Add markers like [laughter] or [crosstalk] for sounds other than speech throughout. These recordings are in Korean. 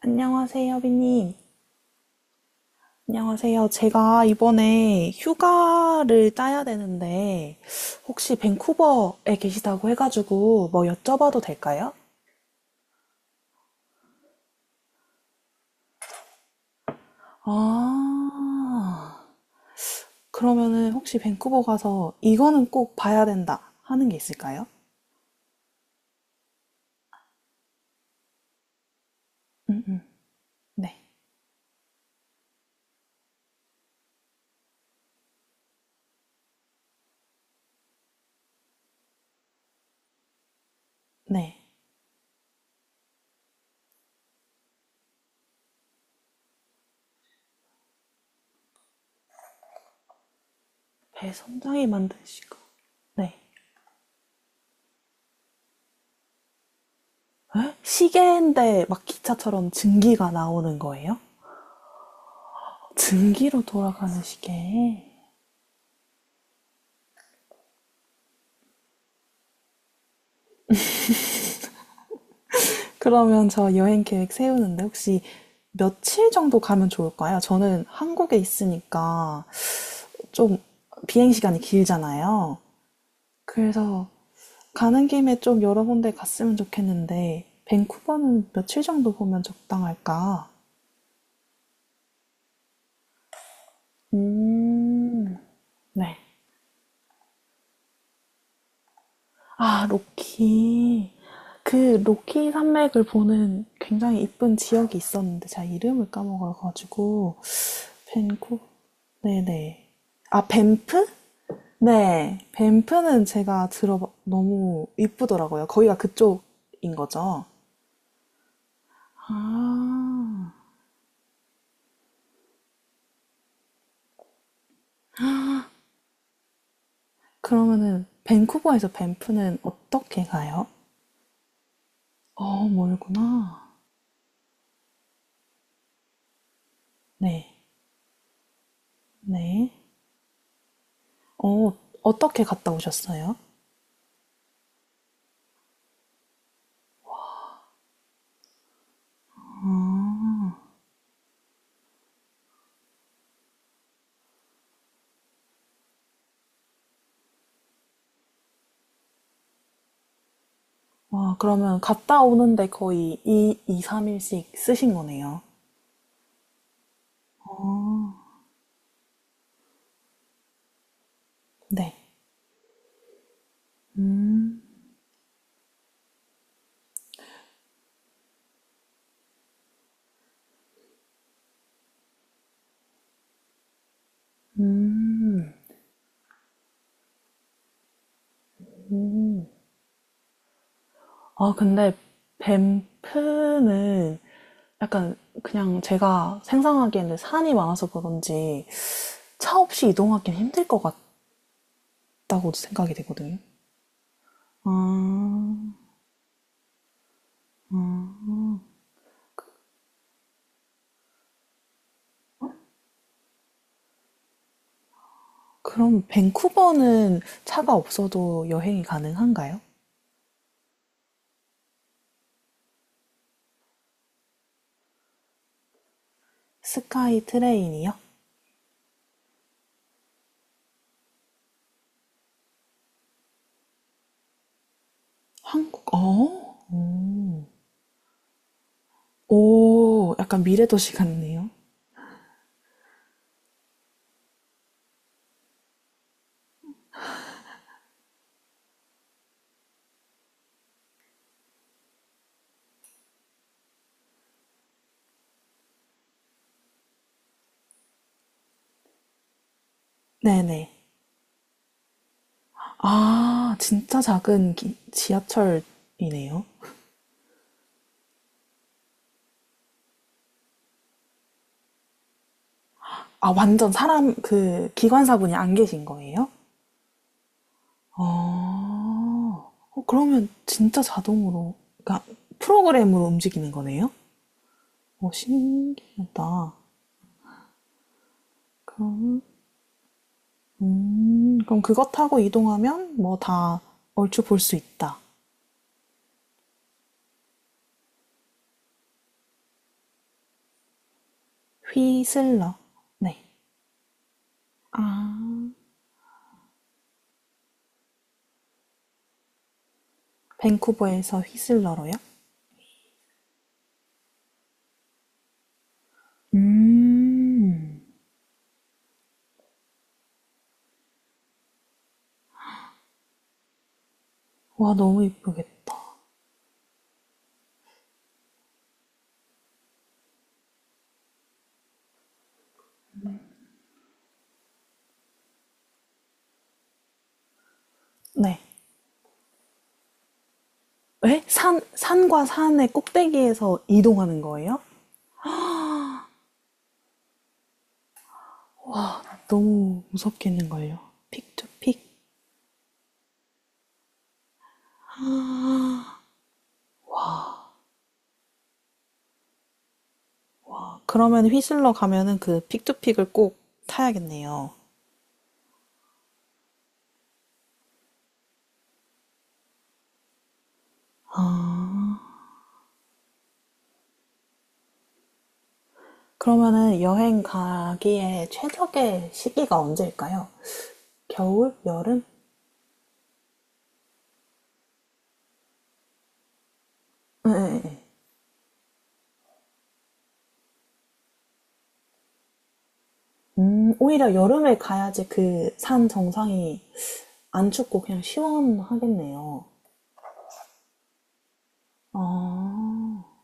안녕하세요, 비님. 안녕하세요. 제가 이번에 휴가를 따야 되는데, 혹시 밴쿠버에 계시다고 해가지고 뭐 여쭤봐도 될까요? 아, 그러면은 혹시 밴쿠버 가서 이거는 꼭 봐야 된다 하는 게 있을까요? 네. 네. 배선장이 만든 시각. 네. 에? 시계인데 막 기차처럼 증기가 나오는 거예요? 증기로 돌아가는 시계. 그러면 저 여행 계획 세우는데 혹시 며칠 정도 가면 좋을까요? 저는 한국에 있으니까 좀 비행 시간이 길잖아요. 그래서 가는 김에 좀 여러 군데 갔으면 좋겠는데, 밴쿠버는 며칠 정도 보면 적당할까? 음, 네. 아, 로키. 그 로키 산맥을 보는 굉장히 이쁜 지역이 있었는데 제가 이름을 까먹어가지고 밴쿠 네네 아 밴프? 네. 밴프는 제가 들어 너무 이쁘더라고요. 거기가 그쪽인 거죠? 아. 그러면은 밴쿠버에서 밴프는 어떻게 가요? 어, 멀구나. 네. 네. 어, 어떻게 갔다 오셨어요? 와, 그러면 갔다 오는데 거의 2, 이 3일씩 쓰신 거네요. 네. 음. 아, 근데 밴프는 약간 그냥 제가 생각하기에는 산이 많아서 그런지 차 없이 이동하기는 힘들 것 같다고 생각이 되거든요. 아, 그럼 밴쿠버는 차가 없어도 여행이 가능한가요? 스카이 트레인이요? 한국, 어? 오, 약간 미래도시 같네요. 네네. 아, 진짜 작은 지하철이네요. 아, 완전 사람, 그, 기관사분이 안 계신 거예요? 아... 어, 그러면 진짜 자동으로, 그러니까 프로그램으로 움직이는 거네요? 어, 신기하다. 그럼, 그럼 그것 타고 이동하면 뭐 다 얼추 볼 수 있다. 휘슬러. 네. 아, 밴쿠버에서 휘슬러로요? 음, 와, 너무 이쁘겠다. 네. 에? 산, 산과 산의 꼭대기에서 이동하는 거예요? 너무 무섭겠는걸요. 픽투픽. 아, 그러면 휘슬러 가면은 그 픽투픽을 꼭 타야겠네요. 그러면은 여행 가기에 최적의 시기가 언제일까요? 겨울? 여름? 네, 네, 네. 오히려 여름에 가야지 그 산 정상이 안 춥고 그냥 시원하겠네요. 아,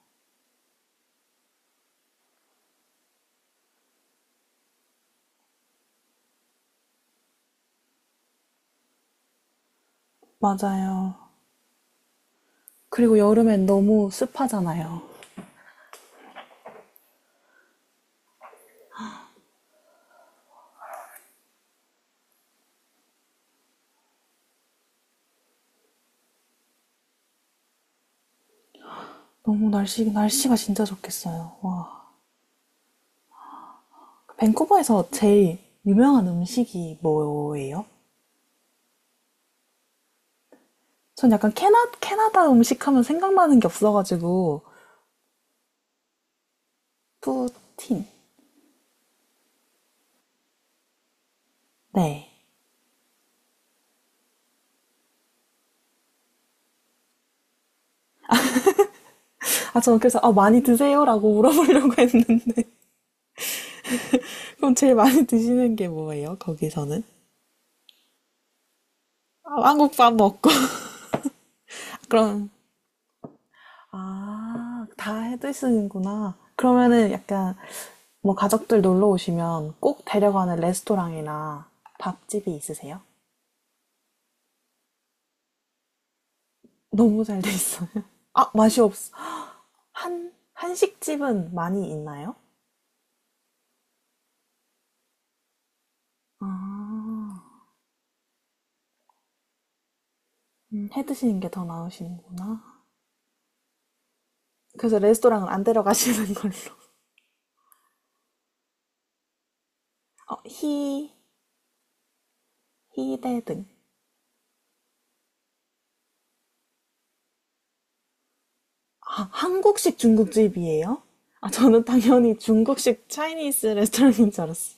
맞아요. 그리고 여름엔 너무 습하잖아요. 너무 날씨, 날씨가 진짜 좋겠어요. 와. 밴쿠버에서 제일 유명한 음식이 뭐예요? 전 약간 캐나다 음식 하면 생각나는 게 없어가지고, 푸틴. 네. 아, 저 그래서 아, 많이 드세요라고 물어보려고 했는데 [laughs] 그럼 제일 많이 드시는 게 뭐예요? 거기서는? 아, 한국밥 먹고 [laughs] 그럼 아, 다 해 드시는구나. 그러면은 약간 뭐 가족들 놀러 오시면 꼭 데려가는 레스토랑이나 밥집이 있으세요? 너무 잘 돼 있어요. 아, 맛이 없어. 한 한식집은 많이 있나요? 아, 해 드시는 게 더 나으시는구나. 그래서 레스토랑은 안 데려가시는 [laughs] 걸로. 어, 히... 희대 등. 아, 한국식 중국집이에요? 아, 저는 당연히 중국식 차이니스 레스토랑인 줄 알았어.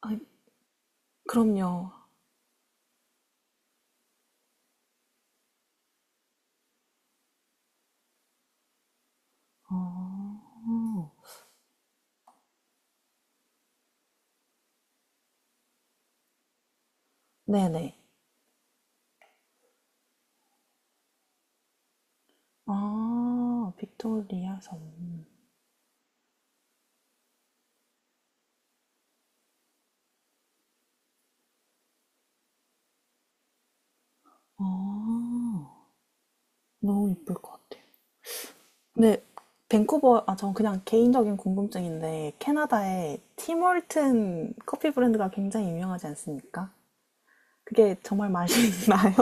아, 그럼요. 어, 네네. 아, 빅토리아 섬. 아, 너무 이쁠 것 같아요. 근데 밴쿠버, 아, 전 그냥 개인적인 궁금증인데, 캐나다에 티몰튼 커피 브랜드가 굉장히 유명하지 않습니까? 그게 정말 맛이 [laughs] 나요?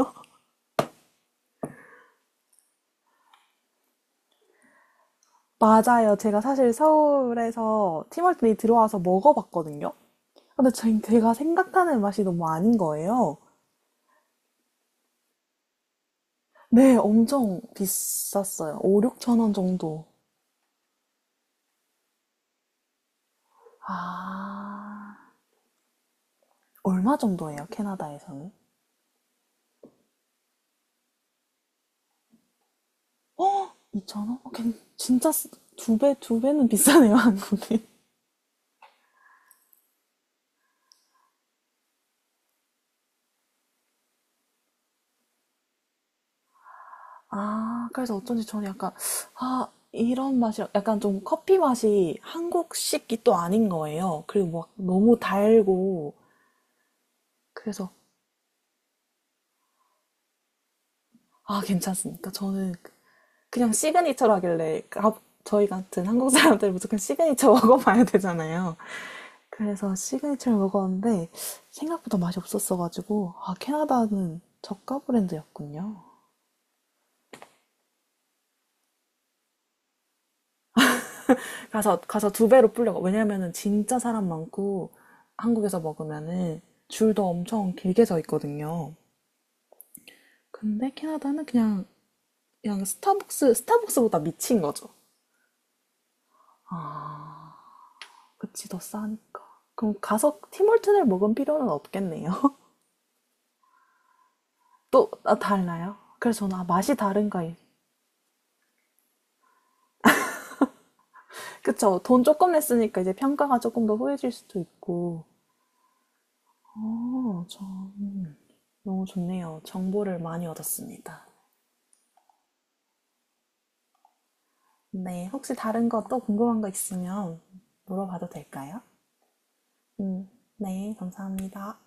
맞아요. 제가 사실 서울에서 팀월드에 들어와서 먹어봤거든요. 근데 제가 생각하는 맛이 너무 아닌 거예요. 네, 엄청 비쌌어요. 5, 6천 원 정도. 아, 얼마 정도예요, 캐나다에서는? 2천 원? 어, 진짜 쓰- 두 배, 두 배는 비싸네요, [laughs] 한국이. 아, 그래서 어쩐지 저는 약간, 아, 이런 맛이, 약간 좀 커피 맛이 한국식이 또 아닌 거예요. 그리고 막 너무 달고, 그래서 아, 괜찮습니까? 저는 그냥 시그니처로 하길래 아, 저희 같은 한국 사람들 무조건 시그니처 [laughs] 먹어봐야 되잖아요. 그래서 시그니처를 먹었는데 생각보다 맛이 없었어가지고 아, 캐나다는 저가 브랜드였군요. 가서 두 배로 불려가. 왜냐면은 진짜 사람 많고 한국에서 먹으면은 줄도 엄청 길게 서 있거든요. 근데 캐나다는 그냥 그냥 스타벅스보다 미친 거죠. 아. 그치, 더 싸니까. 그럼 가서 티몰튼을 먹은 필요는 없겠네요. [laughs] 또, 아, 달라요? 그래서 저는 아, 맛이 다른가. 이- 그쵸. 돈 조금 냈으니까 이제 평가가 조금 더 후해질 수도 있고. 어, 참. 너무 좋네요. 정보를 많이 얻었습니다. 네. 혹시 다른 거 또 궁금한 거 있으면 물어봐도 될까요? 음, 네. 감사합니다.